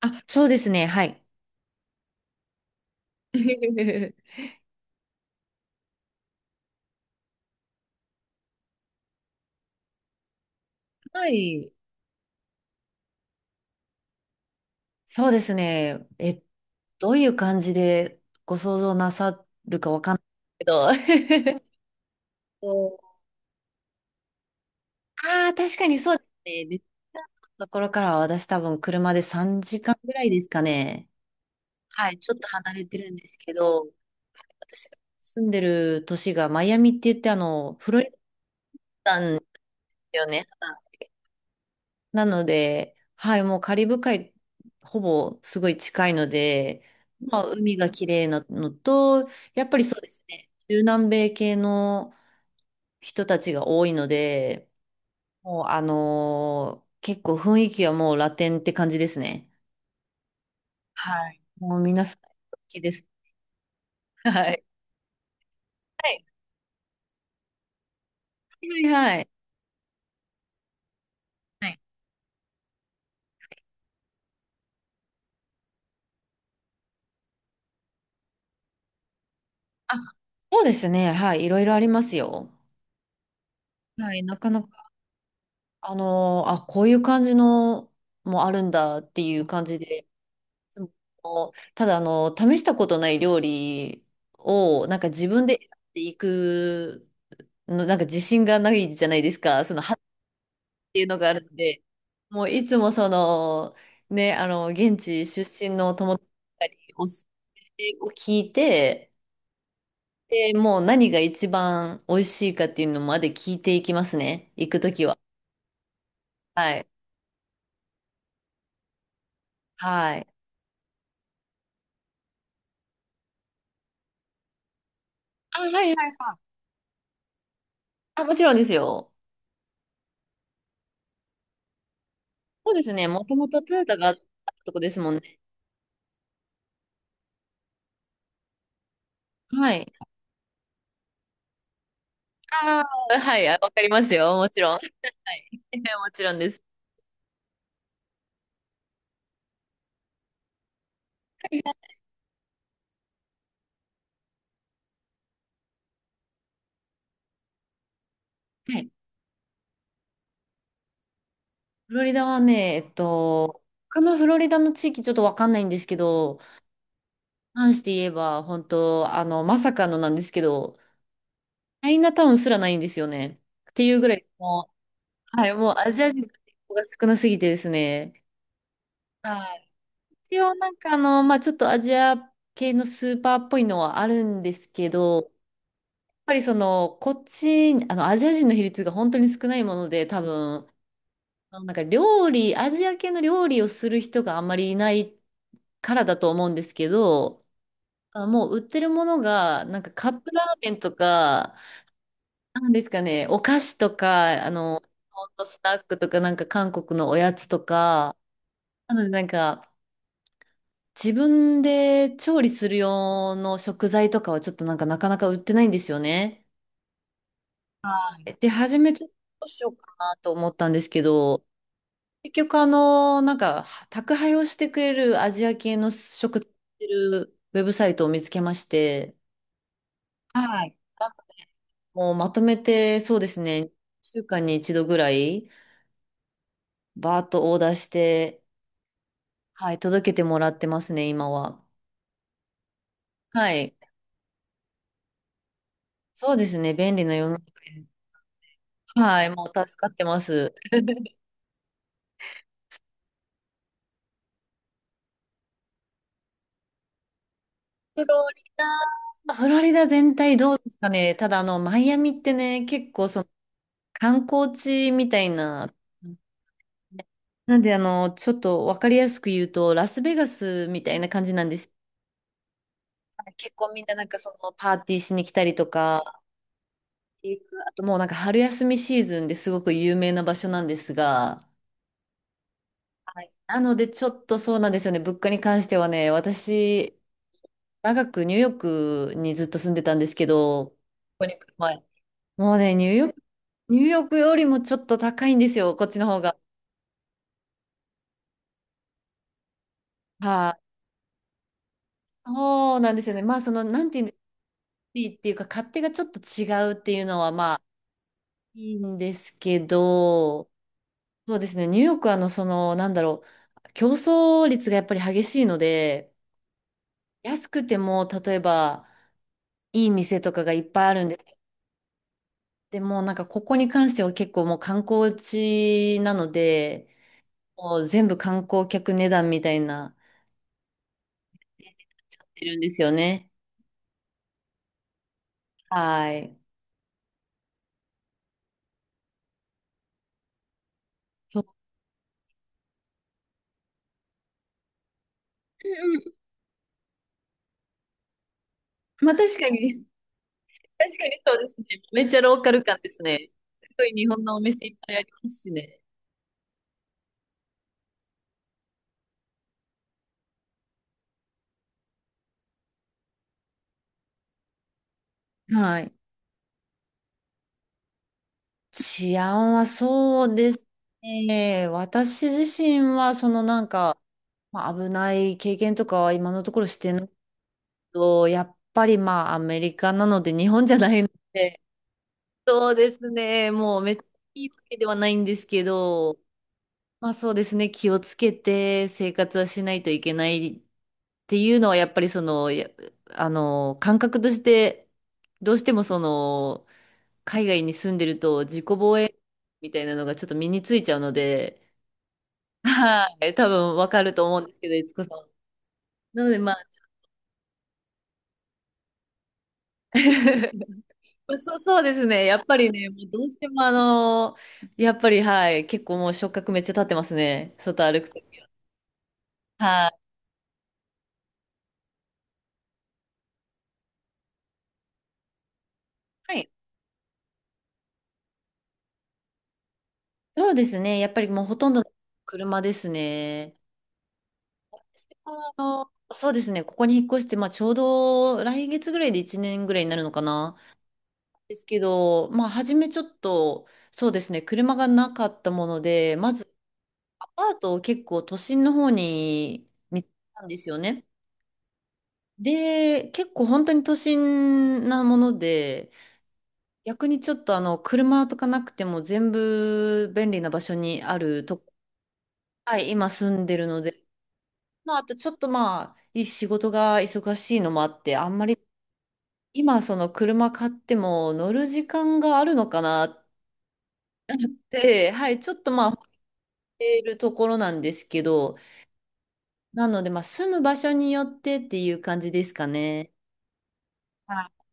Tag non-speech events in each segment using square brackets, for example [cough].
あ、そうですね。はい。[laughs] はい。そうですね。どういう感じでご想像なさってど [laughs] お、ああ、確かにそうですね。で、ところからは私多分車で3時間ぐらいですかね。はい、ちょっと離れてるんですけど、私が住んでる都市がマイアミって言ってフロリダなんですよね。なので、はい、もうカリブ海、ほぼすごい近いので、まあ、海が綺麗なのと、やっぱりそうですね、中南米系の人たちが多いので、もう結構雰囲気はもうラテンって感じですね。はい。もう皆さん、好きです。[laughs] はい。はい。はいはい。はい。あ、そうですね、はい、いろいろありますよ。はい、なかなか、あ、こういう感じのもあるんだっていう感じで、いつもこうただ、試したことない料理を、なんか自分でやっていくの、なんか自信がないじゃないですか。その、歯っていうのがあるので、もういつもその、ね、現地出身の友達におすすめを聞いて、で、もう何が一番美味しいかっていうのまで聞いていきますね。行くときは。はい。はい。あ、はいはいはい。あ、もちろんですよ。そうですね。もともとトヨタがあったとこですもんね。はい。ああ、はい、あ、わかりますよ。もちろん。はい。[laughs] もちろんです。はい。フロリダはね、えっと、他のフロリダの地域ちょっとわかんないんですけど、関して言えば、本当まさかのなんですけど、チャイナタウンすらないんですよね。っていうぐらい、もう、はい、もうアジア人の人が少なすぎてですね。はい。一応なんかまあちょっとアジア系のスーパーっぽいのはあるんですけど、やっぱりその、こっち、アジア人の比率が本当に少ないもので、多分、なんか料理、アジア系の料理をする人があんまりいないからだと思うんですけど、あ、もう売ってるものが、なんかカップラーメンとか、なんですかね、お菓子とか、ホットスナックとか、なんか韓国のおやつとか、なのでなんか、自分で調理する用の食材とかはちょっとなんかなかなか売ってないんですよね。で、初めちょっとどうしようかなと思ったんですけど、結局なんか、宅配をしてくれるアジア系の食ってるウェブサイトを見つけまして、はい。もうまとめて、そうですね、1週間に一度ぐらい、バーッとオーダーして、はい、届けてもらってますね、今は。はい。そうですね、便利な世の中で。はい、もう助かってます。[laughs] フロリダ、フロリダ全体どうですかね。ただマイアミってね、結構その観光地みたいななんで、ちょっとわかりやすく言うと、ラスベガスみたいな感じなんです。結構みんななんかそのパーティーしに来たりとか、行くあともうなんか春休みシーズンですごく有名な場所なんですが、なのでちょっとそうなんですよね、物価に関してはね、私、長くニューヨークにずっと住んでたんですけど、ここに来る前もうね、ニューヨークよりもちょっと高いんですよ、こっちの方が。はい、そうなんですよね。まあ、その、なんていうんですリーっていうか、勝手がちょっと違うっていうのは、まあ、いいんですけど、そうですね、ニューヨークは、その、なんだろう、競争率がやっぱり激しいので、安くても、例えば、いい店とかがいっぱいあるんで、でも、なんか、ここに関しては結構もう観光地なので、もう全部観光客値段みたいな、なってるんですよね。はい。そう、うん、うん、まあ確かに、確かにそうですね。めっちゃローカル感ですね。すごい日本のお店いっぱいありますしね。はい。治安はそうですね。私自身は、そのなんか、まあ、危ない経験とかは今のところしてないけど、やっぱりまあアメリカなので日本じゃないので、そうですね。もうめっちゃいいわけではないんですけど、まあそうですね。気をつけて生活はしないといけないっていうのは、やっぱりその、や、感覚として、どうしてもその、海外に住んでると自己防衛みたいなのがちょっと身についちゃうので、[laughs] はい、多分わかると思うんですけど、いつこさん。なのでまあ、[laughs] そうですね。やっぱりね、もうどうしてもやっぱりはい、結構もう触覚めっちゃ立ってますね。外歩くときは。はい。そうですね。やっぱりもうほとんど車ですね。あそうですね。ここに引っ越して、まあちょうど来月ぐらいで1年ぐらいになるのかな。ですけど、まあ初めちょっと、そうですね。車がなかったもので、まずアパートを結構都心の方に見つけたんですよね。で、結構本当に都心なもので、逆にちょっと車とかなくても全部便利な場所にあるとこ、はい、今住んでるので、まあ、あとちょっとまあ、い仕事が忙しいのもあって、あんまり今その車買っても乗る時間があるのかなって、はい、ちょっとまあ、思っているところなんですけど、なのでまあ、住む場所によってっていう感じですかね。あ、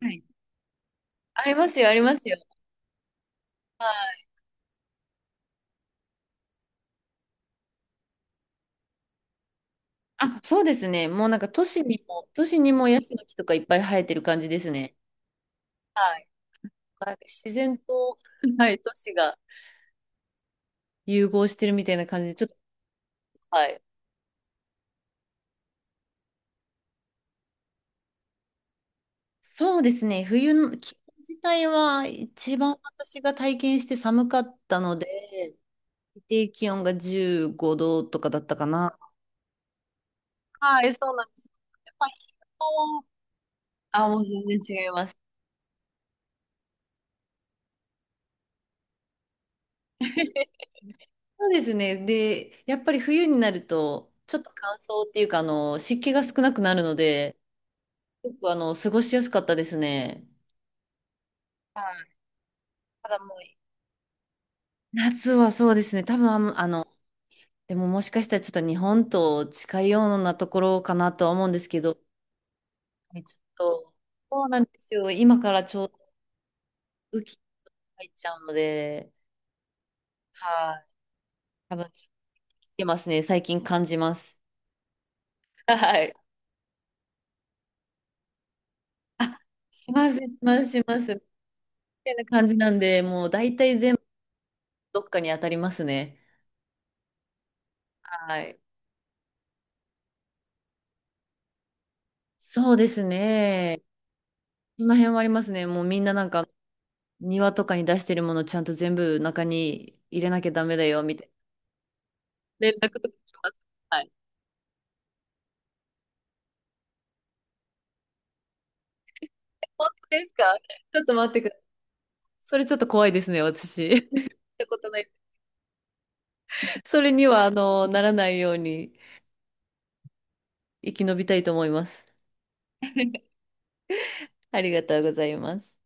はい。ありますよ、ありますよ。はい、あ、そうですね。もうなんか都市にもヤシの木とかいっぱい生えてる感じですね。はい。なんか自然と、はい、都市が融合してるみたいな感じで、ちょっと、はい。そうですね。冬の気温自体は一番私が体験して寒かったので、最低気温が15度とかだったかな。はい、そうなんです。やっぱり昼間はあ、もう全然違います。[laughs] そうですね。で、やっぱり冬になると、ちょっと乾燥っていうか、湿気が少なくなるので、すごく過ごしやすかったですね。はい。ただもう、夏はそうですね。多分、あの、でももしかしたらちょっと日本と近いようなところかなとは思うんですけど、はいちょっと、そうなんですよ。今からちょうど雨季に入っちゃうので、はい。多分来てますね。最近感じます。はい。あ、します、します、します。みたいな感じなんで、もう大体全部どっかに当たりますね。はい。そうですね。その辺はありますね。もうみんななんか庭とかに出してるものちゃんと全部中に入れなきゃダメだよ、みたいな連絡とかします。はい。本当ですか。ちょっと待ってください。それちょっと怖いですね、私。[laughs] ったことない。それには、ならないように生き延びたいと思います。ありがとうございます。